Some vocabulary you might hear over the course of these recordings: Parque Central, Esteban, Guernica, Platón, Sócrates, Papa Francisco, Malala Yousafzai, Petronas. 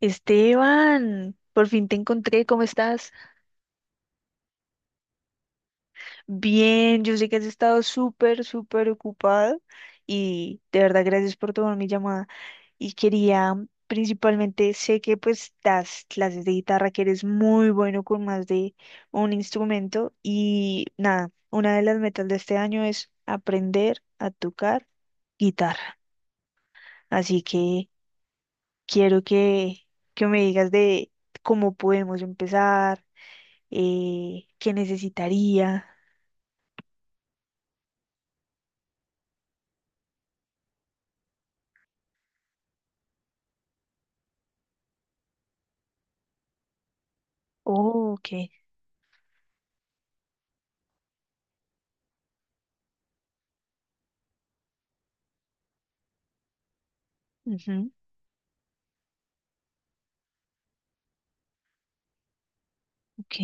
Esteban, por fin te encontré, ¿cómo estás? Bien, yo sé que has estado súper, súper ocupado y de verdad gracias por tomar mi llamada. Y quería, principalmente, sé que pues das clases de guitarra, que eres muy bueno con más de un instrumento y nada, una de las metas de este año es aprender a tocar guitarra. Así que quiero que me digas de cómo podemos empezar qué necesitaría. Oh, ok. Ujú, ok.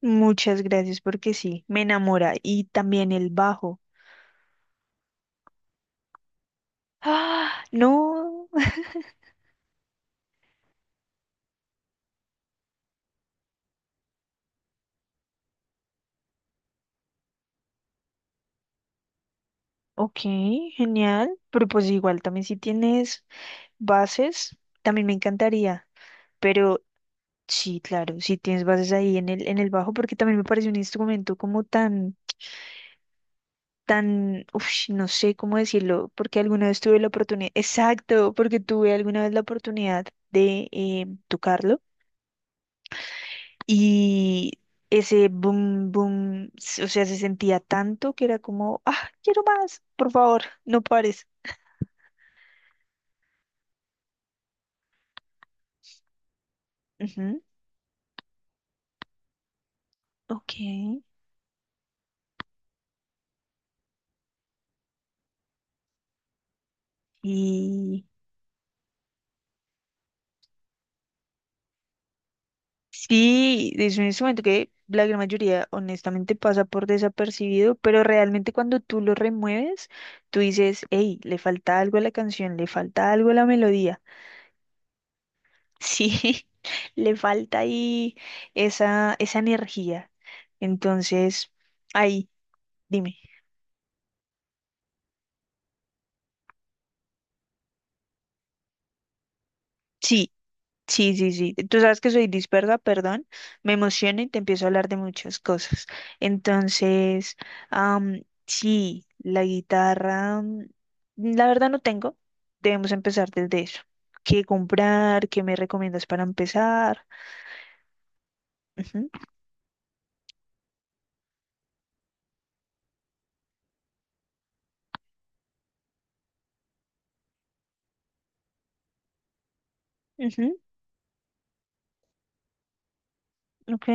Muchas gracias porque sí, me enamora. Y también el bajo. Ah, no. Ok, genial. Pero pues igual también si tienes bases, también me encantaría. Pero sí, claro, si tienes bases ahí en el bajo, porque también me parece un instrumento como tan tan, uf, no sé cómo decirlo, porque alguna vez tuve la oportunidad, exacto, porque tuve alguna vez la oportunidad de tocarlo y ese boom, boom, o sea, se sentía tanto que era como, ah, quiero más, por favor, no pares. Ujú, ok. Y sí, es un instrumento que la gran mayoría honestamente pasa por desapercibido, pero realmente cuando tú lo remueves, tú dices, hey, le falta algo a la canción, le falta algo a la melodía. Sí, le falta ahí esa, esa energía. Entonces, ahí, dime. Sí, sí, sí, sí. Tú sabes que soy dispersa, perdón. Me emociono y te empiezo a hablar de muchas cosas. Entonces, sí, la guitarra, la verdad no tengo. Debemos empezar desde eso. ¿Qué comprar? ¿Qué me recomiendas para empezar? Ujú, ujú, ok,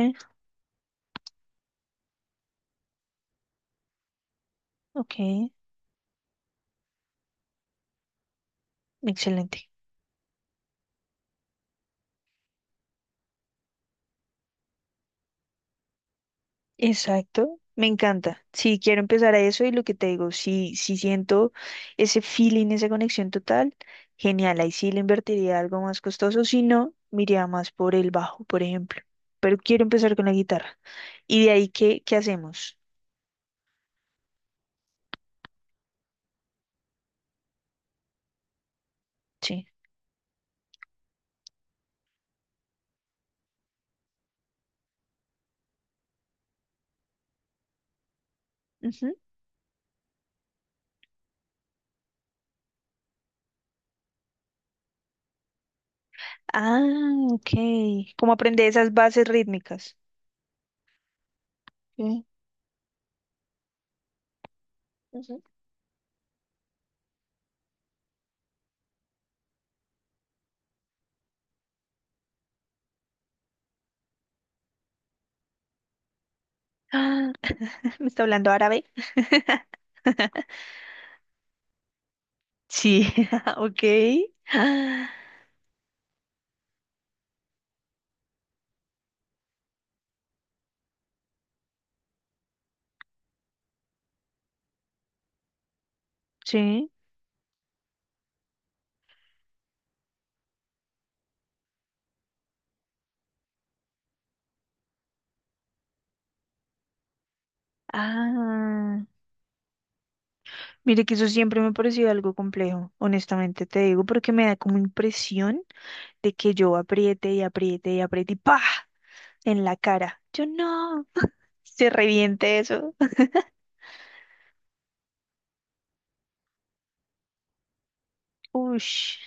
ok, excelente. Exacto, me encanta. Sí, quiero empezar a eso y lo que te digo, si siento ese feeling, esa conexión total, genial, ahí sí le invertiría algo más costoso, si no, me iría más por el bajo, por ejemplo. Pero quiero empezar con la guitarra. ¿Y de ahí qué hacemos? Sí. Ujú. Ah, ok. ¿Cómo aprender esas bases rítmicas? Sí. Ujú. Ah, ¿me está hablando árabe? Sí, ok. Ah, sí. Ah. Mire que eso siempre me ha parecido algo complejo, honestamente te digo, porque me da como impresión de que yo apriete y apriete y apriete y ¡pa! En la cara. Yo no, se reviente eso. Ush,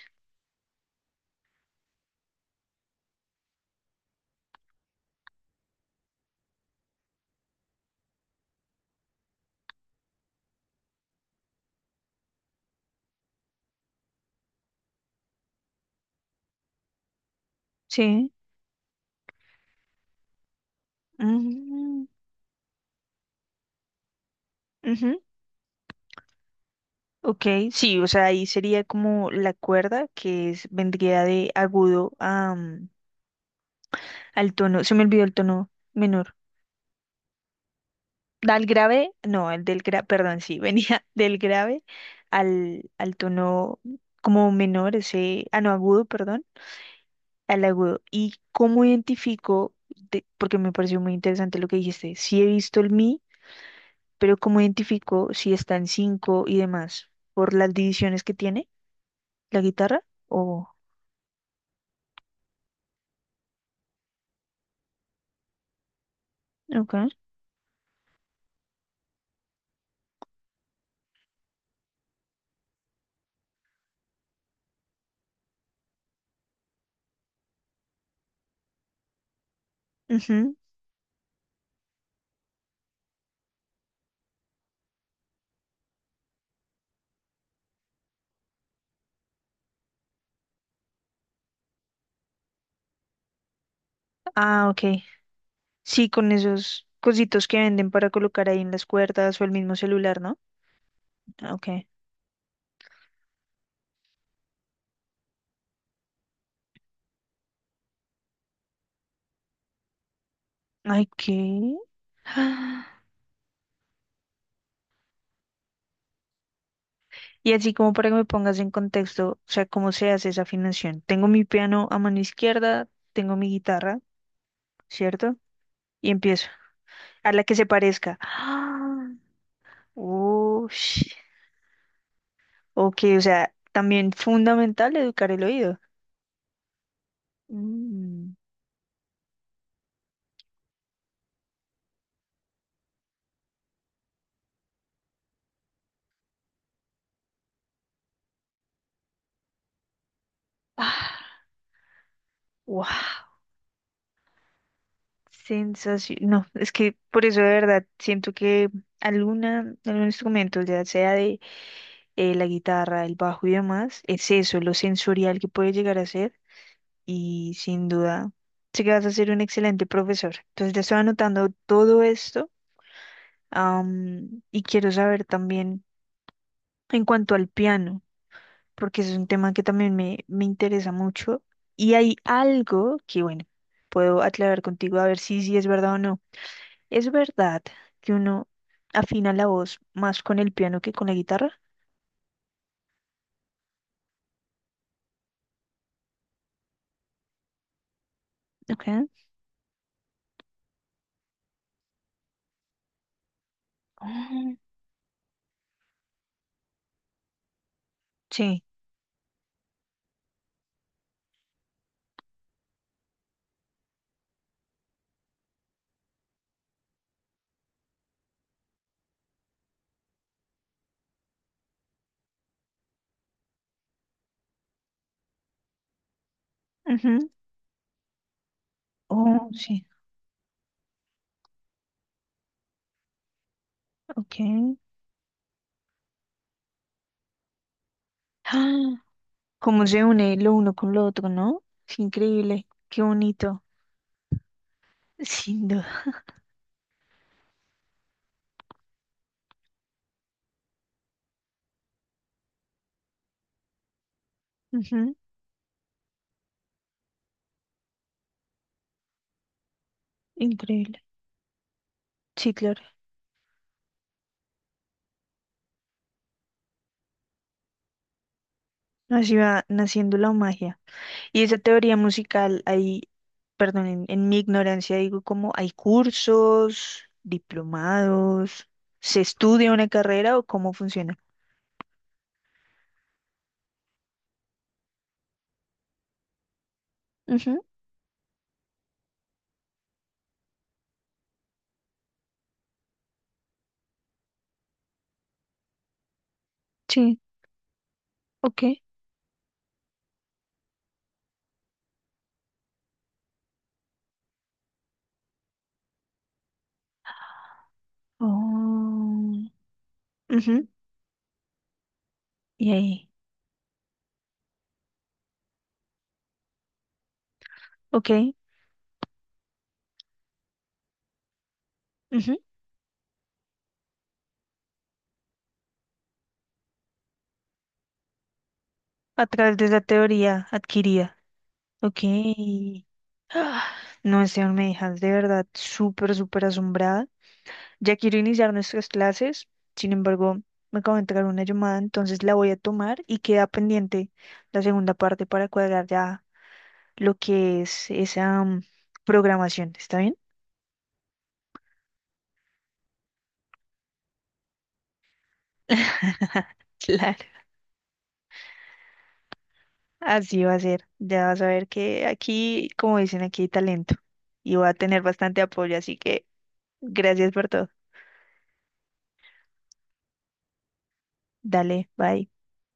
sí. Mm, ujú, ok, sí, o sea, ahí sería como la cuerda que es, vendría de agudo a, al tono, se me olvidó el tono menor. Al grave, no, el del grave, perdón, sí, venía del grave al, al tono como menor, ese, ah, no, agudo, perdón, al agudo. ¿Y cómo identifico, de- porque me pareció muy interesante lo que dijiste, sí he visto el mi, pero cómo identifico si está en cinco y demás, por las divisiones que tiene la guitarra? O, ok, ujú, ah, ok. Sí, con esos cositos que venden para colocar ahí en las cuerdas o el mismo celular, ¿no? Ah, ok. Ay, ¿qué? Ah, y así como para que me pongas en contexto, o sea, cómo se hace esa afinación. Tengo mi piano a mano izquierda, tengo mi guitarra, ¿cierto? Y empiezo. A la que se parezca. Ah, ush. Ok, o sea, también fundamental educar el oído. Mm. Ah, wow. Sensación. No, es que por eso de verdad siento que alguna, algún instrumento, ya sea de la guitarra, el bajo y demás, es eso, lo sensorial que puede llegar a ser y sin duda sé que vas a ser un excelente profesor. Entonces ya estoy anotando todo esto, y quiero saber también en cuanto al piano, porque ese es un tema que también me interesa mucho y hay algo que, bueno, puedo aclarar contigo a ver si es verdad o no. ¿Es verdad que uno afina la voz más con el piano que con la guitarra? Ok. Oh, sí. Oh, sí, ok. ¡Ah! Cómo se une lo uno con lo otro, ¿no? Es increíble, qué bonito, sin duda. Ujú, increíble. Sí, claro. Así va naciendo la magia. Y esa teoría musical, ahí, perdón, en mi ignorancia digo como hay cursos, diplomados, ¿se estudia una carrera o cómo funciona? Ujú, sí, ok. Oh, ujú, y ahí, ok. Ujú, a través de esa teoría adquirida. Ok. Ah, no, Esteban, me dejas de verdad súper, súper asombrada. Ya quiero iniciar nuestras clases, sin embargo, me acabo de entrar una llamada, entonces la voy a tomar y queda pendiente la segunda parte para cuadrar ya lo que es esa programación. ¿Está bien? Claro, así va a ser. Ya vas a ver que aquí, como dicen, aquí hay talento y voy a tener bastante apoyo, así que gracias por todo. Dale, bye.